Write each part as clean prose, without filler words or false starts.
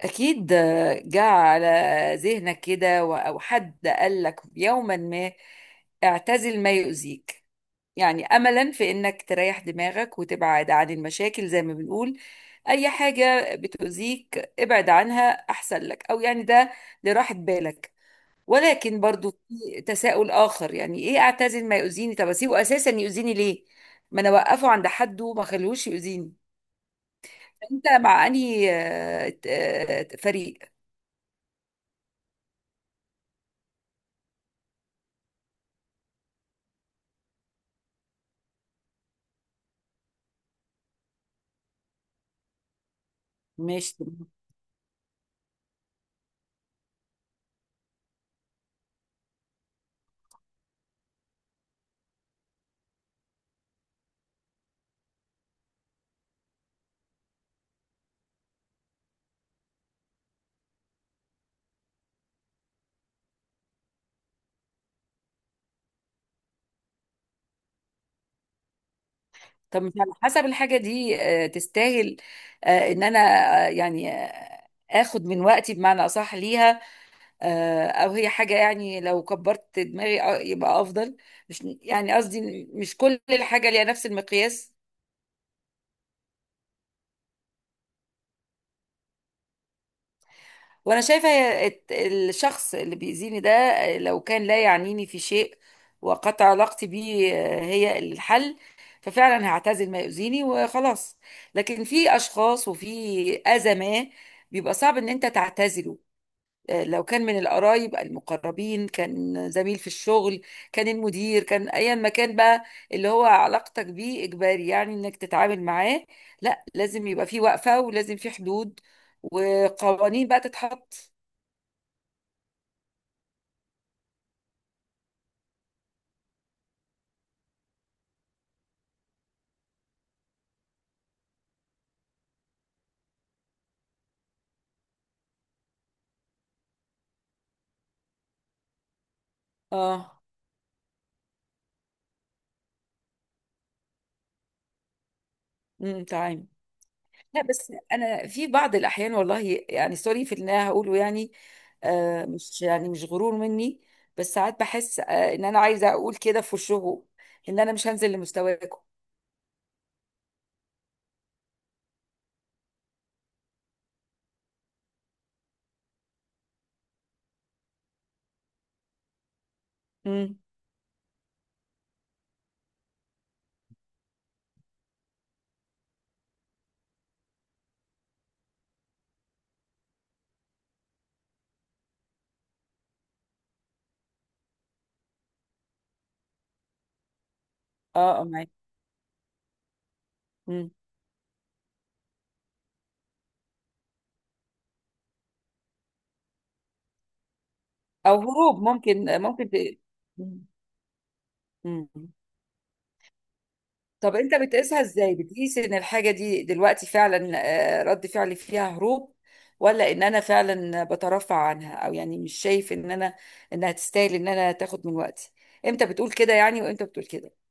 أكيد جاء على ذهنك كده، أو حد قال لك يوما ما: اعتزل ما يؤذيك. يعني أملا في إنك تريح دماغك وتبعد عن المشاكل، زي ما بنقول: أي حاجة بتؤذيك ابعد عنها أحسن لك، أو يعني ده لراحة بالك. ولكن برضو في تساؤل آخر: يعني إيه اعتزل ما يؤذيني؟ طب أسيبه أساسا يؤذيني ليه؟ ما أنا أوقفه عند حده وما خلوش يؤذيني. أنت مع أنهي فريق؟ ماشي. طب مش على حسب الحاجة دي تستاهل ان انا اخد من وقتي، بمعنى اصح، ليها؟ او هي حاجة يعني لو كبرت دماغي يبقى افضل. مش يعني قصدي مش كل الحاجة ليها نفس المقياس. وانا شايفه هي الشخص اللي بيأذيني ده، لو كان لا يعنيني في شيء وقطع علاقتي بيه هي الحل، ففعلا هعتزل ما يؤذيني وخلاص. لكن في اشخاص وفي اذى ما بيبقى صعب ان انت تعتزله، لو كان من القرايب المقربين، كان زميل في الشغل، كان المدير، كان ايا ما كان بقى اللي هو علاقتك بيه اجباري يعني انك تتعامل معاه. لا، لازم يبقى في وقفة ولازم في حدود وقوانين بقى تتحط. اه، امم، تمام. لا، بس انا في بعض الاحيان والله، يعني سوري في اللي انا هقوله، يعني مش يعني مش غرور مني، بس ساعات بحس ان انا عايزه اقول كده في وشهم: ان انا مش هنزل لمستواكم. امم. اه، اه، معاك. امم، او هروب، ممكن امم. امم. طب انت بتقيسها ازاي؟ بتقيس ان الحاجة دي دلوقتي فعلا رد فعلي فيها هروب، ولا ان انا فعلا بترفع عنها او يعني مش شايف ان انا انها تستاهل ان انا تاخد من وقتي؟ امتى بتقول كده يعني، وامتى بتقول كده؟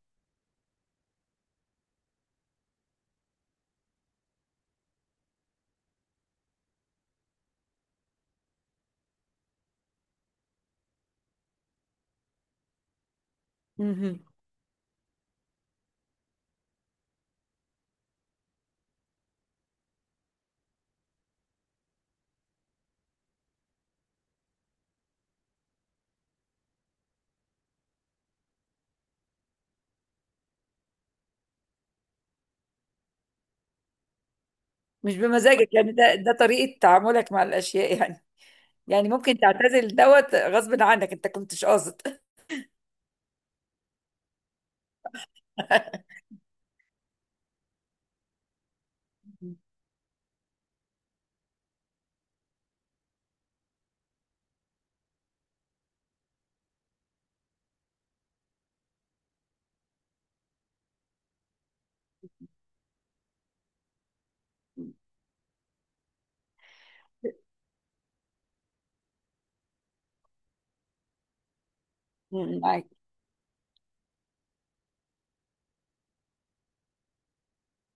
مهم. مش بمزاجك يعني، ده ده طريقة تعاملك مع الاشياء يعني. يعني ممكن تعتزل دوت غصب عنك، انت كنتش قاصد. مم، معاك.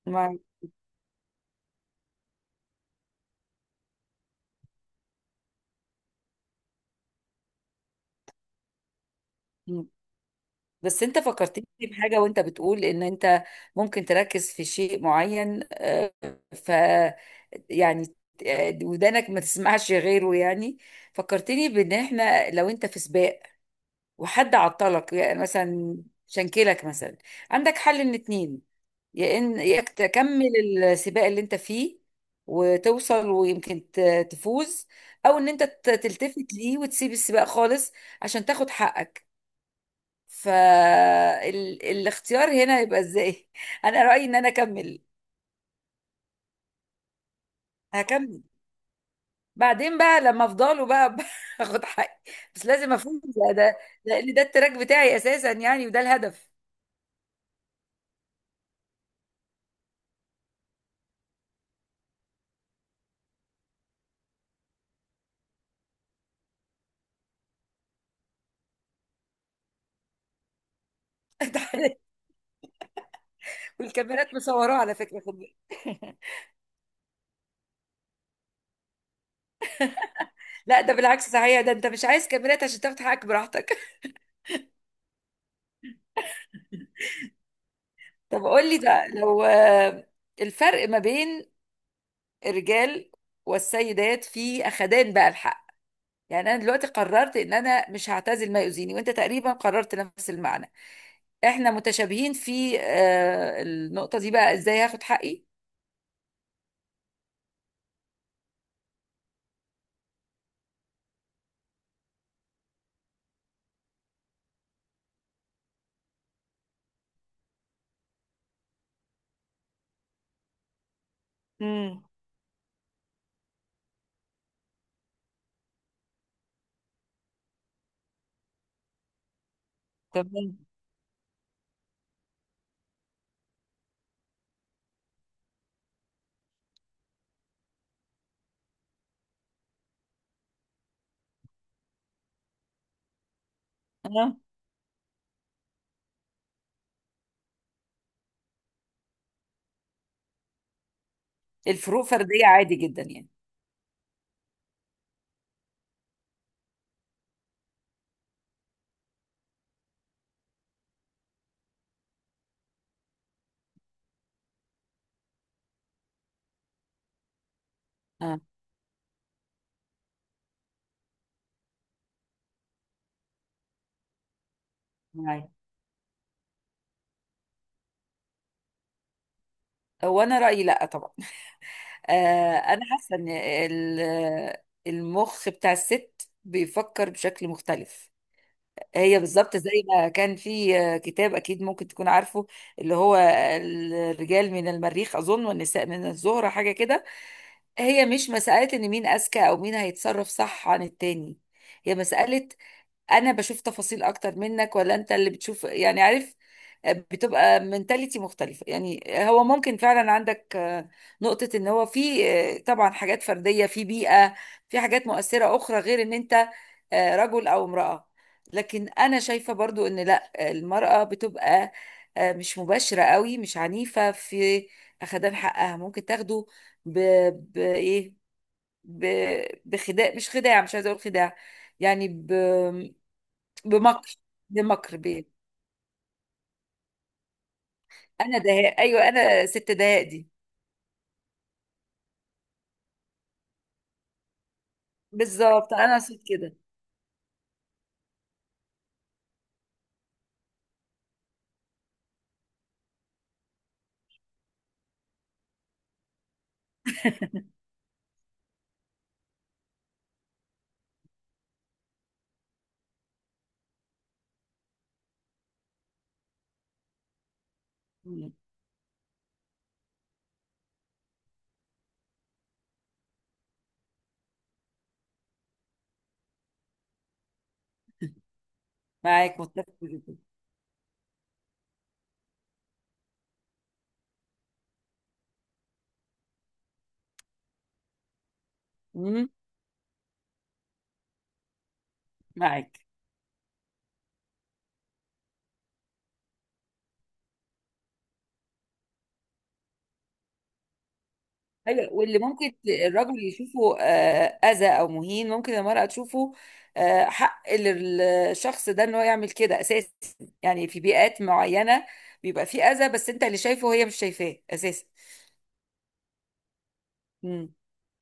معاك، بس انت فكرتني بحاجة. وانت بتقول ان انت ممكن تركز في شيء معين ف، يعني ودانك ما تسمعش غيره يعني. فكرتني بان احنا لو انت في سباق وحد عطلك يعني، مثلا شنكلك مثلا، عندك حل من اتنين: يا ان يا إنك تكمل السباق اللي انت فيه وتوصل ويمكن تفوز، او ان انت تلتفت ليه وتسيب السباق خالص عشان تاخد حقك. فالاختيار هنا يبقى ازاي؟ انا رأيي ان انا اكمل. هكمل، بعدين بقى لما افضله بقى اخد حقي. بس لازم افوز، ده لان ده التراك بتاعي اساسا يعني، وده الهدف. والكاميرات مصوراه على فكرة، خد بالك. لا، ده بالعكس صحيح، ده انت مش عايز كاميرات عشان تاخد حقك براحتك. طب قول لي ده، لو الفرق ما بين الرجال والسيدات في اخدان بقى الحق. يعني انا دلوقتي قررت ان انا مش هعتزل ما يؤذيني، وانت تقريبا قررت نفس المعنى. احنا متشابهين في النقطة دي. بقى ازاي هاخد حقي؟ امم، تمام. اه، الفروق فردية عادي جدا يعني. اه، معايا. هو انا رأيي لا طبعا. آه، انا حاسة ان المخ بتاع الست بيفكر بشكل مختلف. هي بالظبط زي ما كان في كتاب، اكيد ممكن تكون عارفه، اللي هو الرجال من المريخ اظن، والنساء من الزهرة، حاجة كده. هي مش مسألة ان مين اذكى او مين هيتصرف صح عن التاني، هي مسألة انا بشوف تفاصيل اكتر منك، ولا انت اللي بتشوف، يعني عارف. بتبقى منتاليتي مختلفة. يعني هو ممكن فعلا عندك نقطة ان هو في طبعا حاجات فردية في بيئة، في حاجات مؤثرة اخرى غير ان انت رجل او امرأة. لكن انا شايفة برضو ان لا، المرأة بتبقى مش مباشرة قوي، مش عنيفة في اخدان حقها. ممكن تاخده ب... بايه، ب... بخداع، مش خداع، مش عايزة اقول خداع، يعني بمكر بمكر بيه. انا دهاء، ايوه، انا ست دهاء دي. بالظبط، انا صوت كده. مم، معاك، متفق جدا. مم، معاك. ايوه، واللي ممكن الرجل يشوفه اذى او مهين، ممكن المرأة تشوفه حق للشخص ده ان هو يعمل كده اساسا. يعني في بيئات معينة بيبقى في اذى، بس انت اللي شايفه وهي مش شايفاه اساسا. مم.